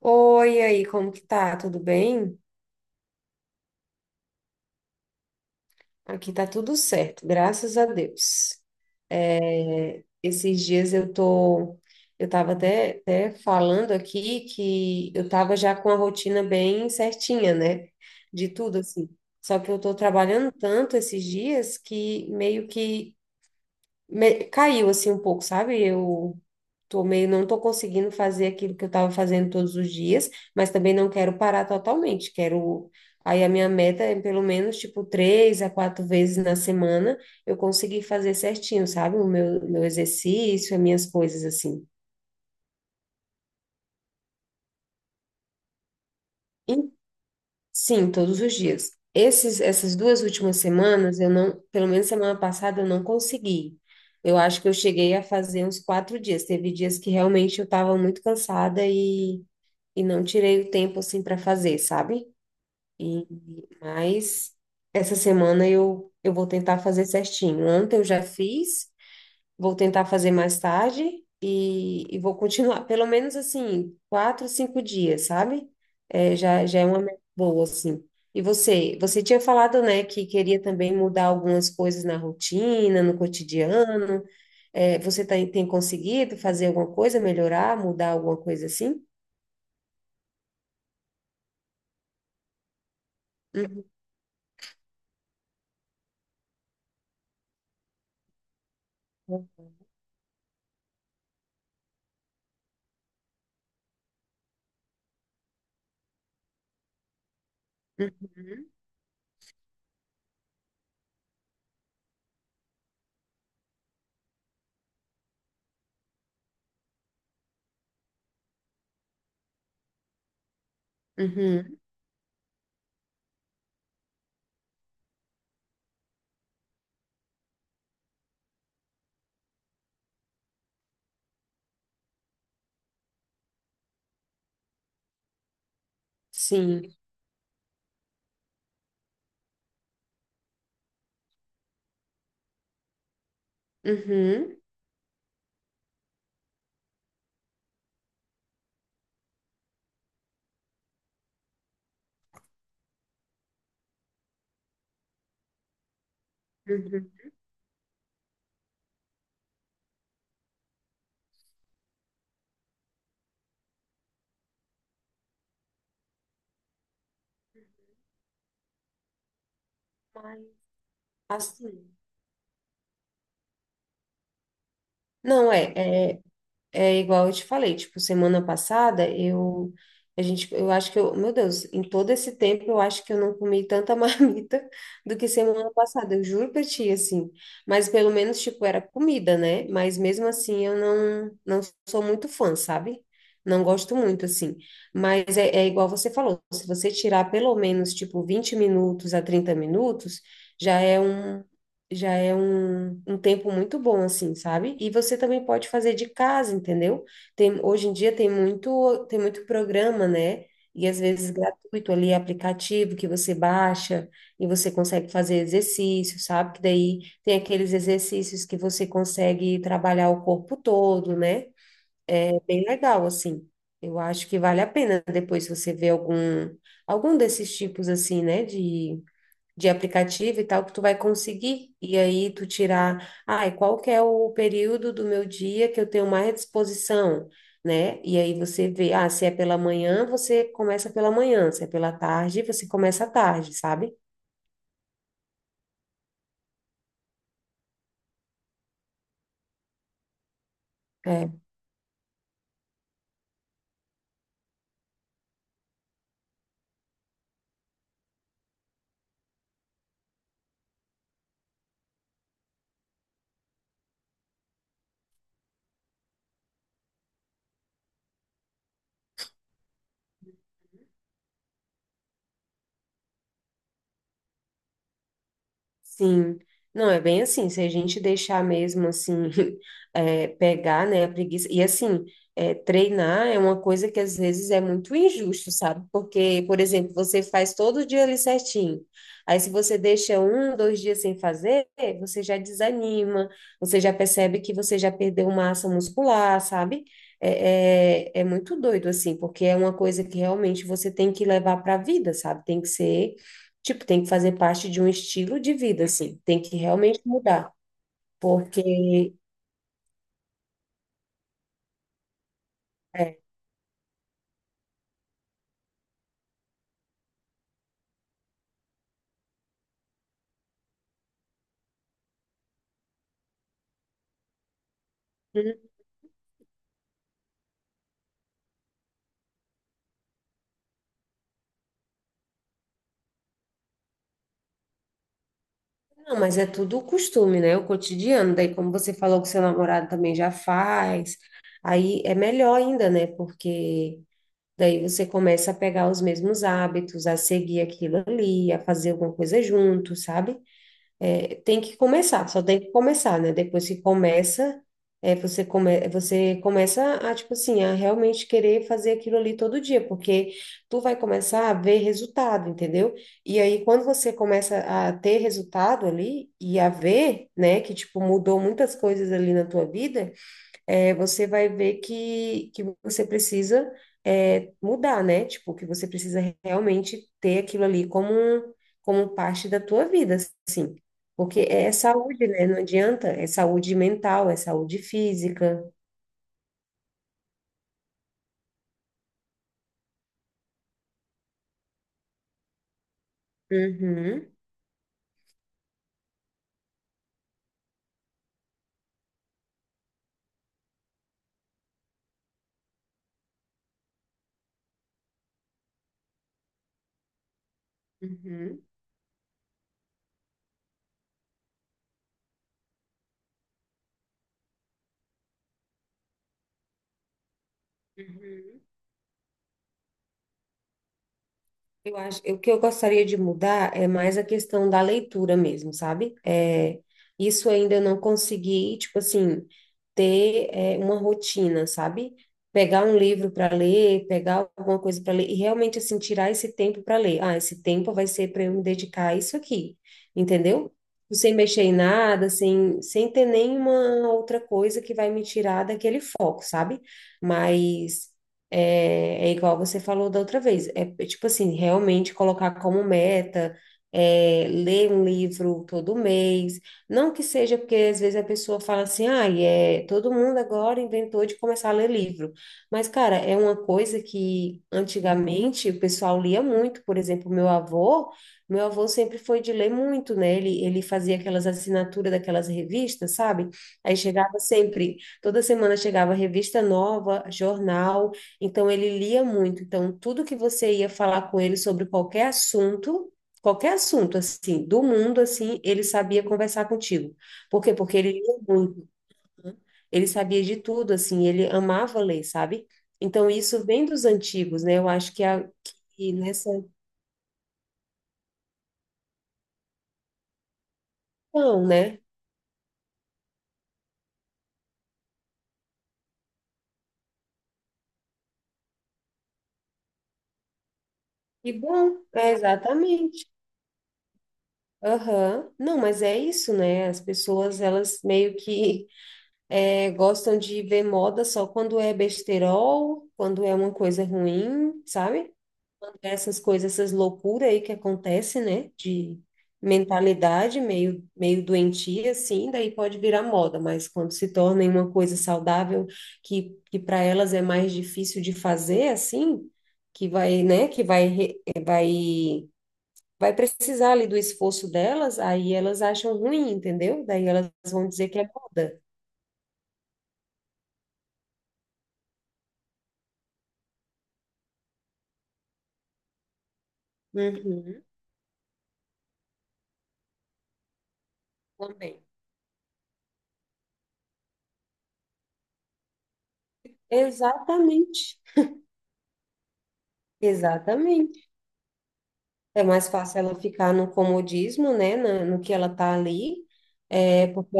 Oi, e aí, como que tá? Tudo bem? Aqui tá tudo certo, graças a Deus. É, esses dias eu tô, eu tava até falando aqui que eu tava já com a rotina bem certinha, né? De tudo assim. Só que eu tô trabalhando tanto esses dias que meio que caiu assim um pouco, sabe? Eu tô meio, não tô conseguindo fazer aquilo que eu estava fazendo todos os dias, mas também não quero parar totalmente. Quero. Aí a minha meta é pelo menos tipo três a quatro vezes na semana eu conseguir fazer certinho, sabe? O meu exercício, as minhas coisas assim. Sim, todos os dias. Essas duas últimas semanas, eu não, pelo menos semana passada, eu não consegui. Eu acho que eu cheguei a fazer uns quatro dias. Teve dias que realmente eu estava muito cansada e não tirei o tempo assim para fazer, sabe? E, mas essa semana eu vou tentar fazer certinho. Ontem eu já fiz. Vou tentar fazer mais tarde e vou continuar, pelo menos assim, quatro, cinco dias, sabe? É, já, já é uma meta boa, assim. E você, você tinha falado, né, que queria também mudar algumas coisas na rotina, no cotidiano. É, você tem conseguido fazer alguma coisa, melhorar, mudar alguma coisa assim? Uhum, uhum, uhum, sim. Uhum, uhum. Mas, assim, não é. É, é igual eu te falei, tipo, semana passada eu a gente eu acho que eu, meu Deus, em todo esse tempo eu acho que eu não comi tanta marmita do que semana passada, eu juro pra ti assim. Mas pelo menos tipo era comida, né? Mas mesmo assim eu não sou muito fã, sabe? Não gosto muito assim. Mas é, é igual você falou, se você tirar pelo menos tipo 20 minutos a 30 minutos, já é um já é um tempo muito bom, assim, sabe? E você também pode fazer de casa, entendeu? Hoje em dia tem muito programa, né? E às vezes gratuito ali, aplicativo que você baixa e você consegue fazer exercício, sabe? Que daí tem aqueles exercícios que você consegue trabalhar o corpo todo, né? É bem legal, assim. Eu acho que vale a pena depois você ver algum desses tipos, assim, né? De aplicativo e tal que tu vai conseguir. E aí tu tirar, ai, qual que é o período do meu dia que eu tenho mais disposição, né? E aí você vê, ah, se é pela manhã, você começa pela manhã, se é pela tarde, você começa à tarde, sabe? É. Sim, não é bem assim. Se a gente deixar mesmo assim, é, pegar, né, a preguiça. E assim, é, treinar é uma coisa que às vezes é muito injusto, sabe? Porque, por exemplo, você faz todo dia ali certinho. Aí, se você deixa um, dois dias sem fazer, você já desanima, você já percebe que você já perdeu massa muscular, sabe? É muito doido, assim, porque é uma coisa que realmente você tem que levar para a vida, sabe? Tem que ser. Tipo, tem que fazer parte de um estilo de vida, assim. Tem que realmente mudar. Porque. É, não, mas é tudo o costume, né? O cotidiano. Daí, como você falou que seu namorado também já faz, aí é melhor ainda, né? Porque daí você começa a pegar os mesmos hábitos, a seguir aquilo ali, a fazer alguma coisa junto, sabe? É, tem que começar, só tem que começar, né? Depois que começa, é, você, come, você começa a, tipo assim, a realmente querer fazer aquilo ali todo dia, porque tu vai começar a ver resultado, entendeu? E aí, quando você começa a ter resultado ali e a ver, né, que, tipo, mudou muitas coisas ali na tua vida, é, você vai ver que você precisa é, mudar, né? Tipo, que você precisa realmente ter aquilo ali como, um, como parte da tua vida, assim. Porque é saúde, né? Não adianta, é saúde mental, é saúde física. Uhum, uhum, uhum. Eu acho, o que eu gostaria de mudar é mais a questão da leitura mesmo, sabe? É, isso ainda eu não consegui, tipo assim, ter, é, uma rotina, sabe? Pegar um livro para ler, pegar alguma coisa para ler e realmente assim tirar esse tempo para ler. Ah, esse tempo vai ser para eu me dedicar a isso aqui, entendeu? Sem mexer em nada, sem, sem ter nenhuma outra coisa que vai me tirar daquele foco, sabe? Mas é, é igual você falou da outra vez. É, é tipo assim, realmente colocar como meta, é, ler um livro todo mês. Não que seja porque às vezes a pessoa fala assim, ah, é, todo mundo agora inventou de começar a ler livro. Mas, cara, é uma coisa que antigamente o pessoal lia muito. Por exemplo, meu avô sempre foi de ler muito, né? Ele fazia aquelas assinaturas daquelas revistas, sabe? Aí chegava sempre, toda semana chegava revista nova, jornal. Então ele lia muito. Então tudo que você ia falar com ele sobre qualquer assunto assim, do mundo assim, ele sabia conversar contigo. Por quê? Porque ele lia muito. Né? Ele sabia de tudo assim, ele amava ler, sabe? Então isso vem dos antigos, né? Eu acho que a, e nessa não, né? E bom, é exatamente. Aham. Não, mas é isso, né? As pessoas, elas meio que é, gostam de ver moda só quando é besterol, quando é uma coisa ruim, sabe? Quando é essas coisas, essas loucuras aí que acontece, né? De mentalidade meio doentia, assim, daí pode virar moda, mas quando se torna em uma coisa saudável, que para elas é mais difícil de fazer, assim, que vai, né? Que vai, re- vai, vai precisar ali do esforço delas, aí elas acham ruim, entendeu? Daí elas vão dizer que é moda. Uhum, também. Exatamente, exatamente. É mais fácil ela ficar no comodismo, né, no que ela tá ali, é, porque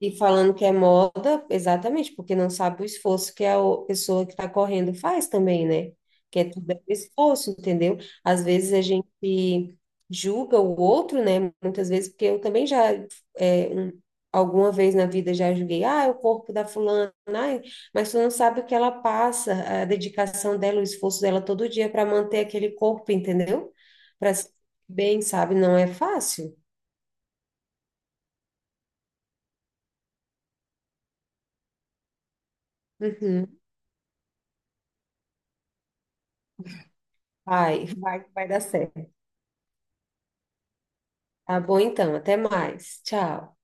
e falando que é moda, exatamente, porque não sabe o esforço que a pessoa que está correndo faz também, né? Que é tudo é esforço, entendeu? Às vezes a gente julga o outro, né? Muitas vezes, porque eu também já, é, alguma vez na vida já julguei, ah, é o corpo da fulana, ai, mas tu não sabe o que ela passa, a dedicação dela, o esforço dela todo dia para manter aquele corpo, entendeu? Para se sentir bem, sabe? Não é fácil. Uhum. Vai dar certo. Tá bom, então. Até mais. Tchau.